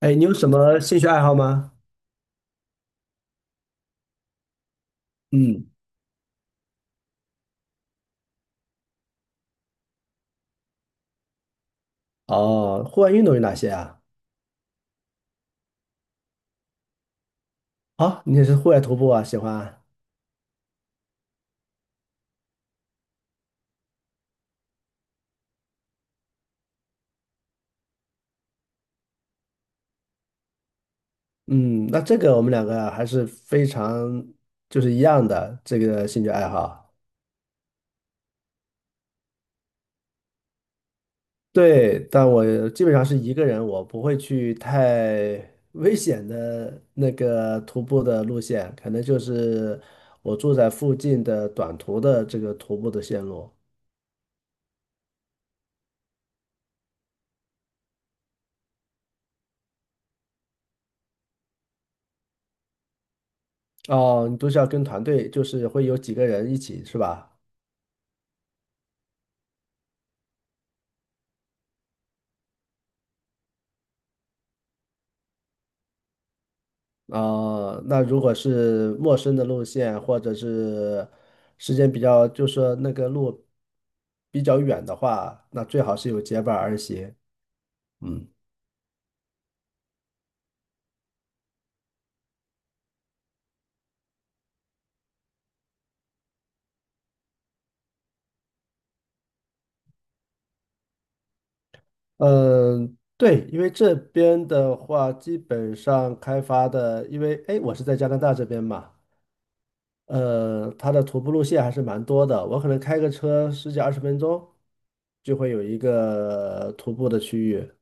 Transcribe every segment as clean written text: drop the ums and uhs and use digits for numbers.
哎，你有什么兴趣爱好吗？嗯，哦，户外运动有哪些啊？好，你也是户外徒步啊，喜欢啊。嗯，那这个我们两个还是非常一样的这个兴趣爱好。对，但我基本上是一个人，我不会去太危险的那个徒步的路线，可能就是我住在附近的短途的这个徒步的线路。哦，你都是要跟团队，就是会有几个人一起，是吧？啊，那如果是陌生的路线，或者是时间比较，就是说那个路比较远的话，那最好是有结伴而行。嗯。嗯，对，因为这边的话，基本上开发的，因为哎，我是在加拿大这边嘛，它的徒步路线还是蛮多的，我可能开个车十几二十分钟就会有一个徒步的区域。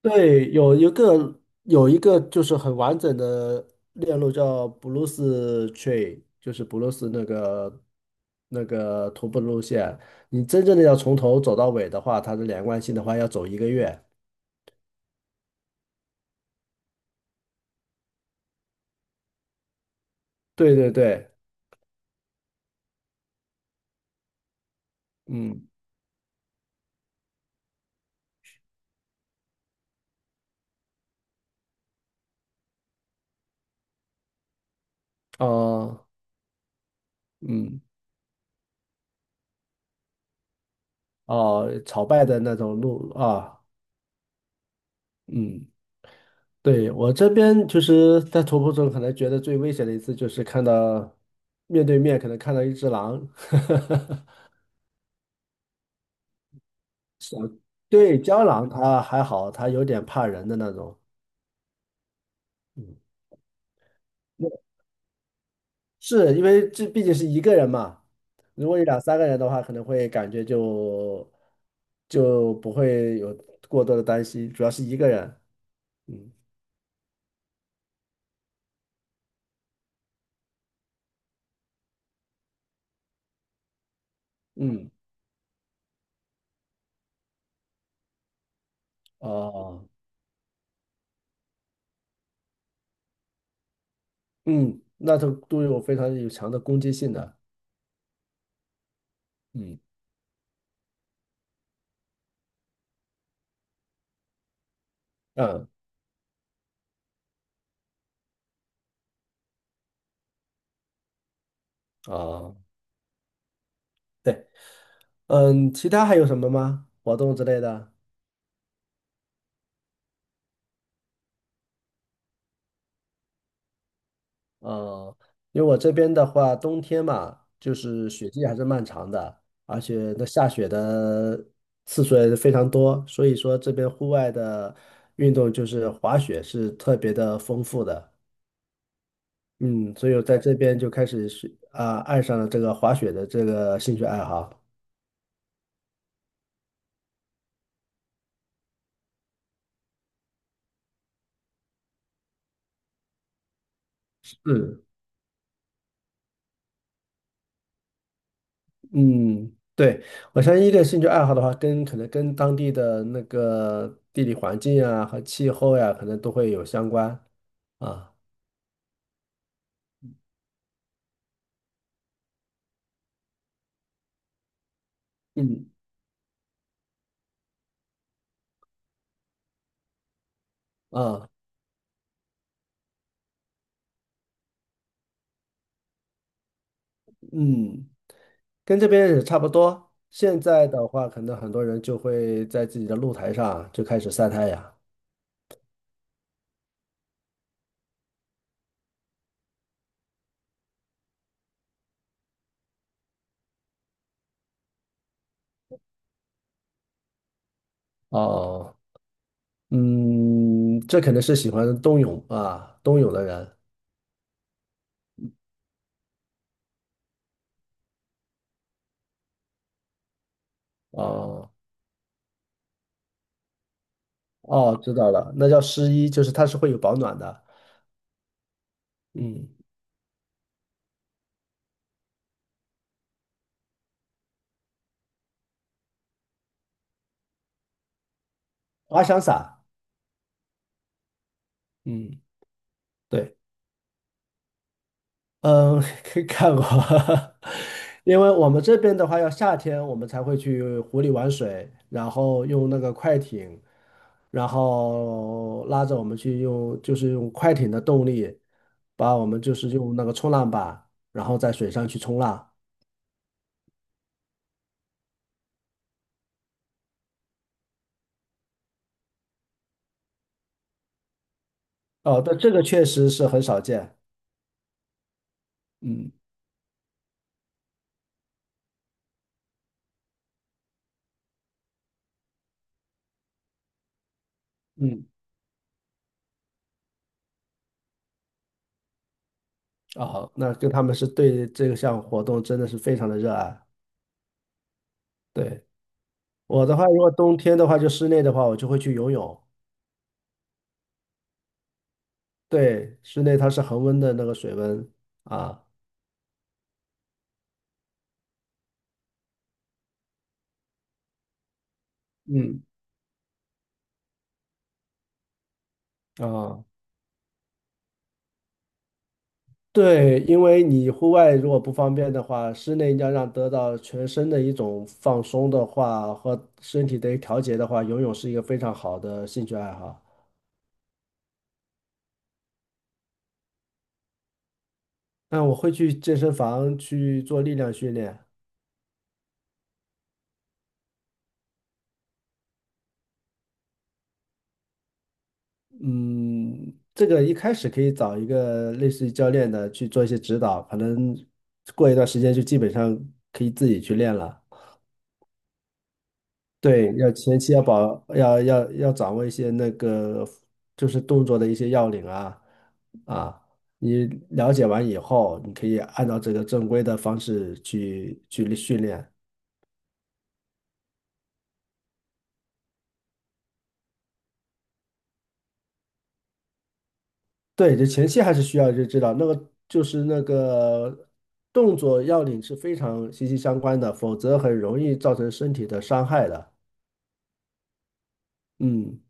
对，有一个就是很完整的链路叫布鲁斯 Train，就是布鲁斯那个徒步路线。你真正的要从头走到尾的话，它的连贯性的话要走一个月。对对对，嗯，哦，嗯，哦，朝拜的那种路啊，嗯，对，我这边就是在徒步中可能觉得最危险的一次就是看到面对面可能看到一只狼。对，胶囊它还好，它有点怕人的那种。嗯，是因为这毕竟是一个人嘛，如果有两三个人的话，可能会感觉就不会有过多的担心，主要是一个人。嗯。嗯。哦。嗯，那都有非常有强的攻击性的。嗯。嗯。哦，对，嗯，其他还有什么吗？活动之类的？嗯，因为我这边的话，冬天嘛，就是雪季还是漫长的，而且那下雪的次数也是非常多，所以说这边户外的运动就是滑雪是特别的丰富的。嗯，所以我在这边就开始是啊、爱上了这个滑雪的这个兴趣爱好。嗯。嗯，对，我相信一个兴趣爱好的话，跟可能跟当地的那个地理环境啊和气候呀、可能都会有相关啊。嗯。啊。嗯，跟这边也差不多。现在的话，可能很多人就会在自己的露台上就开始晒太阳。哦，嗯，这可能是喜欢冬泳啊，冬泳的人。哦，哦，知道了，那叫湿衣，就是它是会有保暖的。嗯，滑翔伞。嗯，对。嗯，看过，因为我们这边的话，要夏天我们才会去湖里玩水，然后用那个快艇，然后拉着我们去用，就是用快艇的动力，把我们就是用那个冲浪板，然后在水上去冲浪。哦，但这个确实是很少见。嗯。嗯，哦，那跟他们是对这项活动真的是非常的热爱。对，我的话，如果冬天的话，就室内的话，我就会去游泳。对，室内它是恒温的那个水温啊。嗯，啊，对，因为你户外如果不方便的话，室内要让得到全身的一种放松的话，和身体的调节的话，游泳是一个非常好的兴趣爱好。那我会去健身房去做力量训练，嗯，这个一开始可以找一个类似于教练的去做一些指导，可能过一段时间就基本上可以自己去练了。对，要前期要保，要掌握一些那个，就是动作的一些要领啊。啊，你了解完以后，你可以按照这个正规的方式去训练。对，就前期还是需要就知道那个动作要领是非常息息相关的，否则很容易造成身体的伤害的。嗯。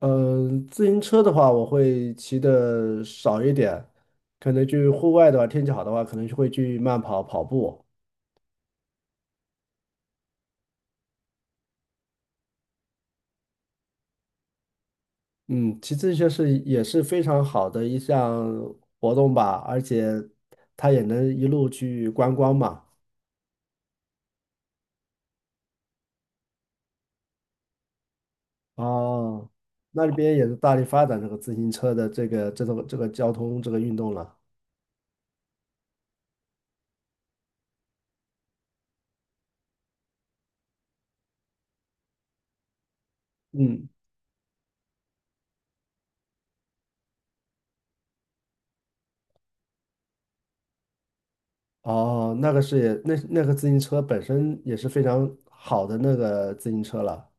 嗯，自行车的话，我会骑的少一点，可能去户外的话，天气好的话，可能就会去慢跑、跑步。嗯，骑自行车是也是非常好的一项活动吧，而且它也能一路去观光嘛。哦，那里边也是大力发展这个自行车的这个交通这个运动了。嗯，哦，那个是也那个自行车本身也是非常好的那个自行车了。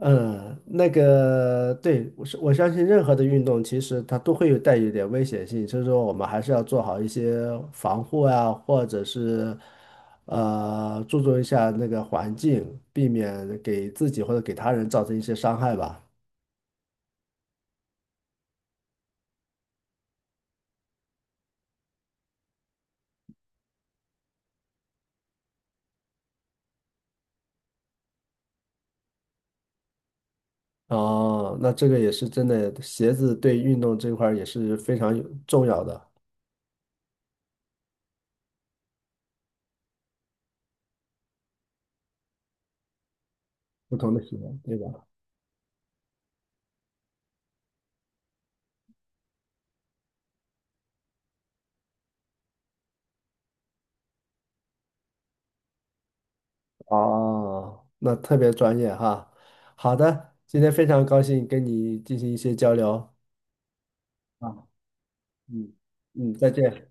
嗯，那个对，我相信任何的运动，其实它都会有带有一点危险性，所以说我们还是要做好一些防护啊，或者是注重一下那个环境，避免给自己或者给他人造成一些伤害吧。哦，那这个也是真的，鞋子对运动这块儿也是非常有重要的，不同的鞋，对吧？哦，那特别专业哈。好的，今天非常高兴跟你进行一些交流。啊。嗯。嗯，再见。